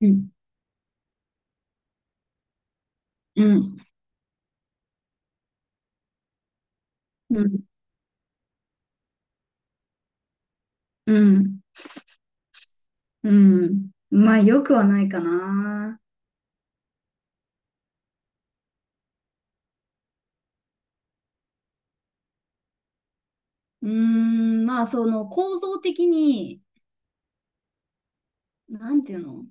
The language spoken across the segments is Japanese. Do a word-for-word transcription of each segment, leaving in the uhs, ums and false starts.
うん、うん、うん、うん、うん。まあ、よくはないかな。うーん、まあ、その構造的に、なんていうの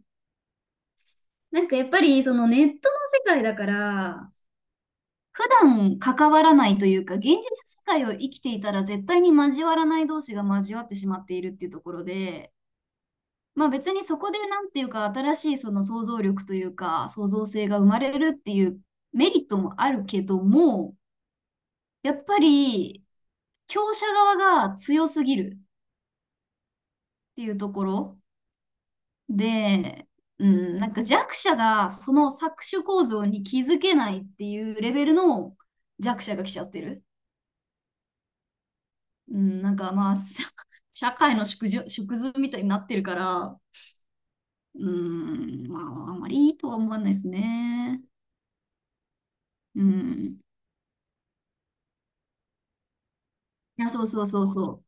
なんかやっぱり、そのネットの世界だから、普段関わらないというか、現実世界を生きていたら絶対に交わらない同士が交わってしまっているっていうところで、まあ別にそこでなんていうか、新しいその想像力というか、創造性が生まれるっていうメリットもあるけども、やっぱり、強者側が強すぎるっていうところで、うん、なんか弱者がその搾取構造に気づけないっていうレベルの弱者が来ちゃってる。うん、なんかまあ、社会の縮図縮図みたいになってるから、うん、まあ、あんまりいいとは思わないですね。うん。いや、そうそうそうそう。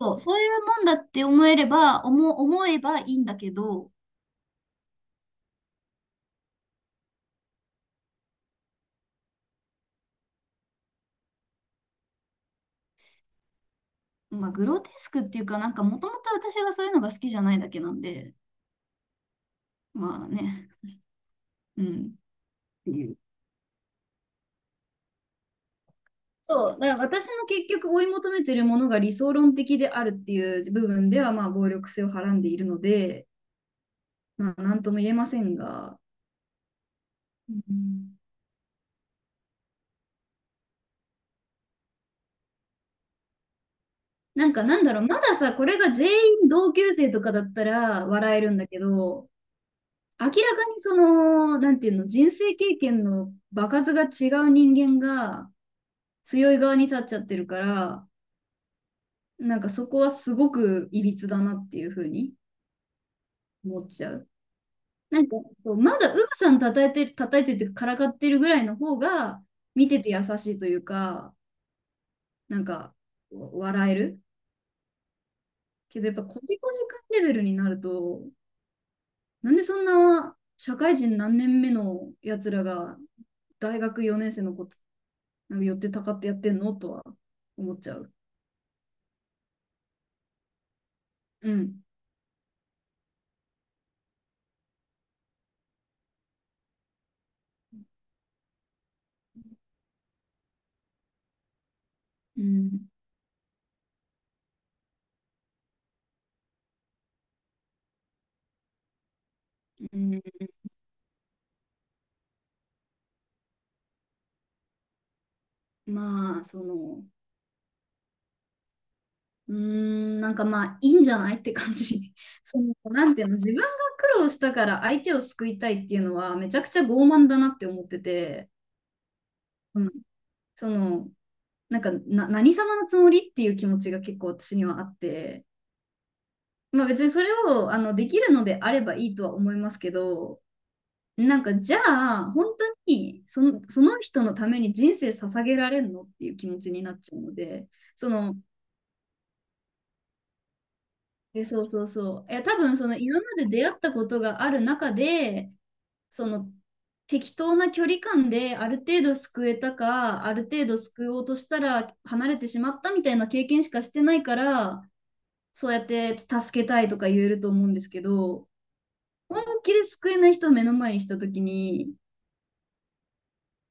そう、そういうもんだって思えれば、思思えばいいんだけど、まあ、グロテスクっていうか、なんかもともと私がそういうのが好きじゃないだけなんで、まあね。うん。っていう。そう、だから私の結局追い求めてるものが理想論的であるっていう部分では、まあ、暴力性をはらんでいるので、まあ、なんとも言えませんが、うん、なんかなんだろう、まださ、これが全員同級生とかだったら笑えるんだけど、明らかにその、なんていうの、人生経験の場数が違う人間が強い側に立っちゃってるから、なんかそこはすごくいびつだなっていうふうに思っちゃう。なんか、そうまだウグさん叩いてる、叩いてるっていうか、からかってるぐらいの方が、見てて優しいというか、なんか、わ笑える。けど、やっぱ、コジコジ君レベルになると、なんでそんな、社会人何年目のやつらが、大学よねん生のこと、なんか寄ってたかってやってんのとは思っちゃう。うん。うん。うん、まあ、その、うーん、なんかまあ、いいんじゃないって感じ。その、なんていうの、自分が苦労したから相手を救いたいっていうのは、めちゃくちゃ傲慢だなって思ってて、うん、その、なんかな、何様のつもりっていう気持ちが結構私にはあって、まあ別にそれをあのできるのであればいいとは思いますけど、なんかじゃあ、本当にその、その人のために人生捧げられるのっていう気持ちになっちゃうので、その、え、そうそうそう。え、多分その今まで出会ったことがある中で、その適当な距離感である程度救えたか、ある程度救おうとしたら離れてしまったみたいな経験しかしてないから、そうやって助けたいとか言えると思うんですけど、本気で救えない人を目の前にした時に、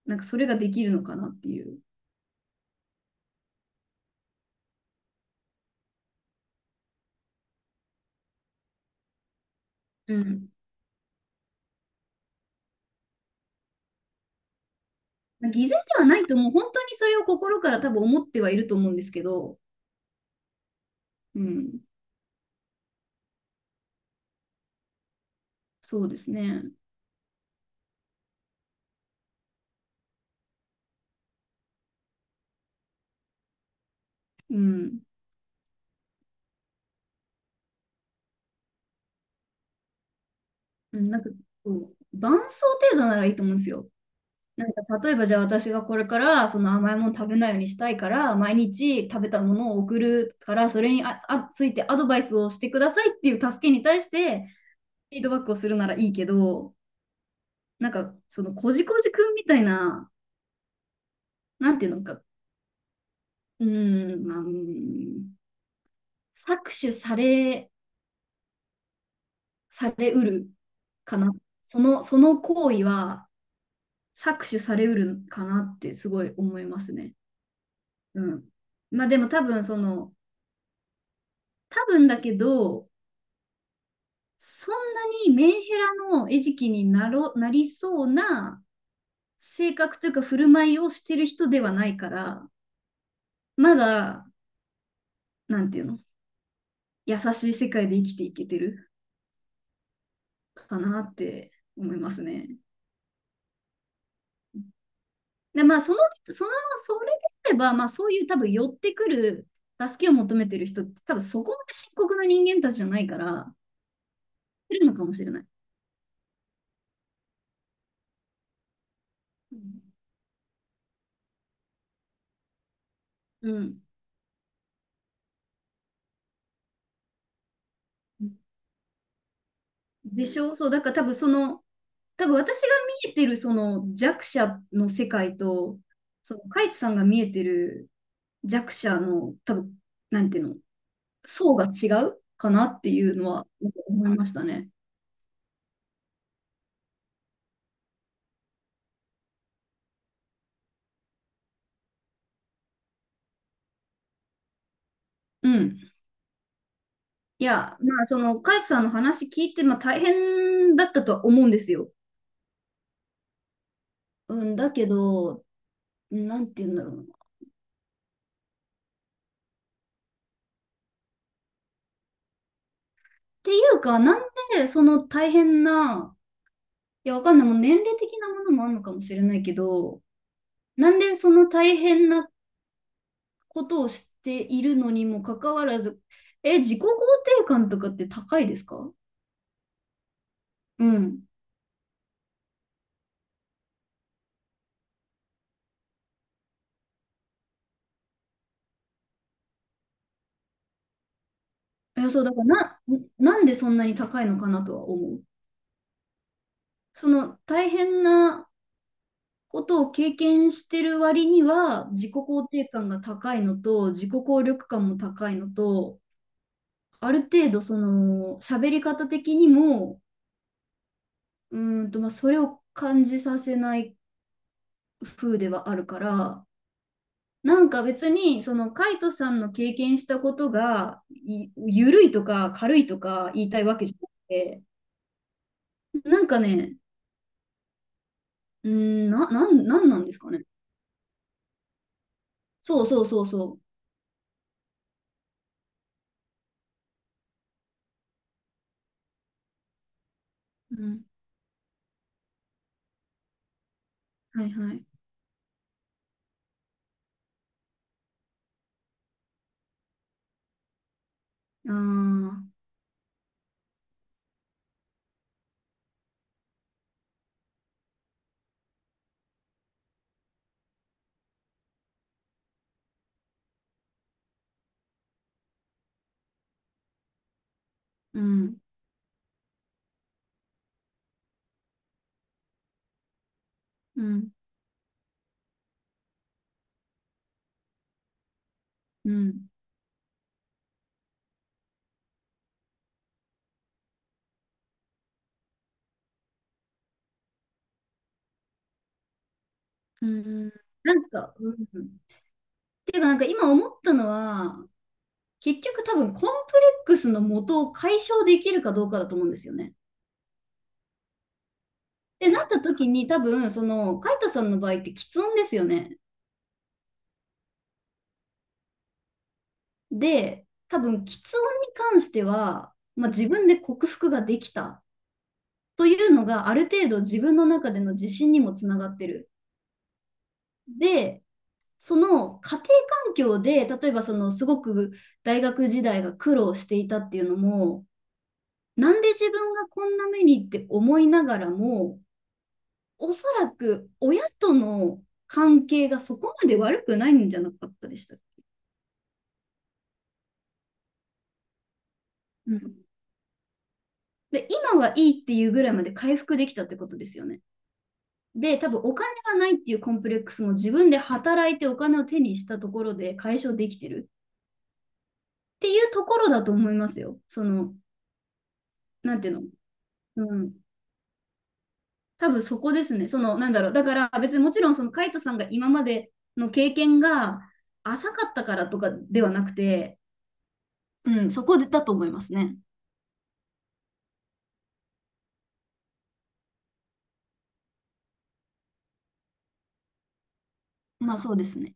なんかそれができるのかなっていう。うん。偽善ではないと思う。本当にそれを心から多分思ってはいると思うんですけど、うん。そうですね。うん。うん、なんかこう、伴奏程度ならいいと思うんですよ。なんか例えばじゃあ私がこれからその甘いもの食べないようにしたいから毎日食べたものを送るからそれにああついてアドバイスをしてくださいっていう助けに対してフィードバックをするならいいけどなんかそのこじこじくんみたいななんていうのかうーん、まあ、うーん搾取されされうるかなそのその行為は搾取されうるかなってすごい思いますね。うん。まあでも多分その、多分だけど、そんなにメンヘラの餌食になろ、なりそうな性格というか振る舞いをしてる人ではないから、まだ、なんていうの、優しい世界で生きていけてるかなって思いますね。で、まあその、その、それであれば、まあそういう多分寄ってくる助けを求めてる人って多分そこまで深刻な人間たちじゃないから、いるのかもしれない。うん。うんでしょそう、だから多分その、多分私が見えてるその弱者の世界と、そのカイツさんが見えてる弱者の多分、なんていうの、層が違うかなっていうのは思いましたね。うん。いや、まあそのカイツさんの話聞いて、まあ大変だったとは思うんですよ。うん、だけど、なんていうんだろうな。っていうか、なんでその大変な、いや、わかんない。もう年齢的なものもあるのかもしれないけど、なんでその大変なことをしているのにもかかわらず、え、自己肯定感とかって高いですか？うん。いや、そう、だからな、なんでそんなに高いのかなとは思う。その大変なことを経験してる割には、自己肯定感が高いのと、自己効力感も高いのと、ある程度、その、喋り方的にも、うーんと、まあ、それを感じさせない風ではあるから、なんか別に、そのカイトさんの経験したことが、い緩いとか軽いとか言いたいわけじゃなくて、なんかね、うーん、な、なん、なんなんですかね。そうそうそうそう。うん。はいはい。ああ、うん、うん、うん、うん。なんか、うん。ていうか、なんか今思ったのは、結局多分コンプレックスの元を解消できるかどうかだと思うんですよね。で、なった時に多分、その、カイトさんの場合って喫音ですよね。で、多分、き音に関しては、まあ、自分で克服ができたというのが、ある程度自分の中での自信にもつながってる。で、その家庭環境で、例えばそのすごく大学時代が苦労していたっていうのも、なんで自分がこんな目にって思いながらも、おそらく親との関係がそこまで悪くないんじゃなかったでした。うん、で、今はいいっていうぐらいまで回復できたってことですよね。で、多分お金がないっていうコンプレックスも自分で働いてお金を手にしたところで解消できてるっていうところだと思いますよ。その、なんていうの。うん。多分そこですね。その、なんだろう。だから別にもちろんそのカイトさんが今までの経験が浅かったからとかではなくて、うん、そこだと思いますね。まあそうですね。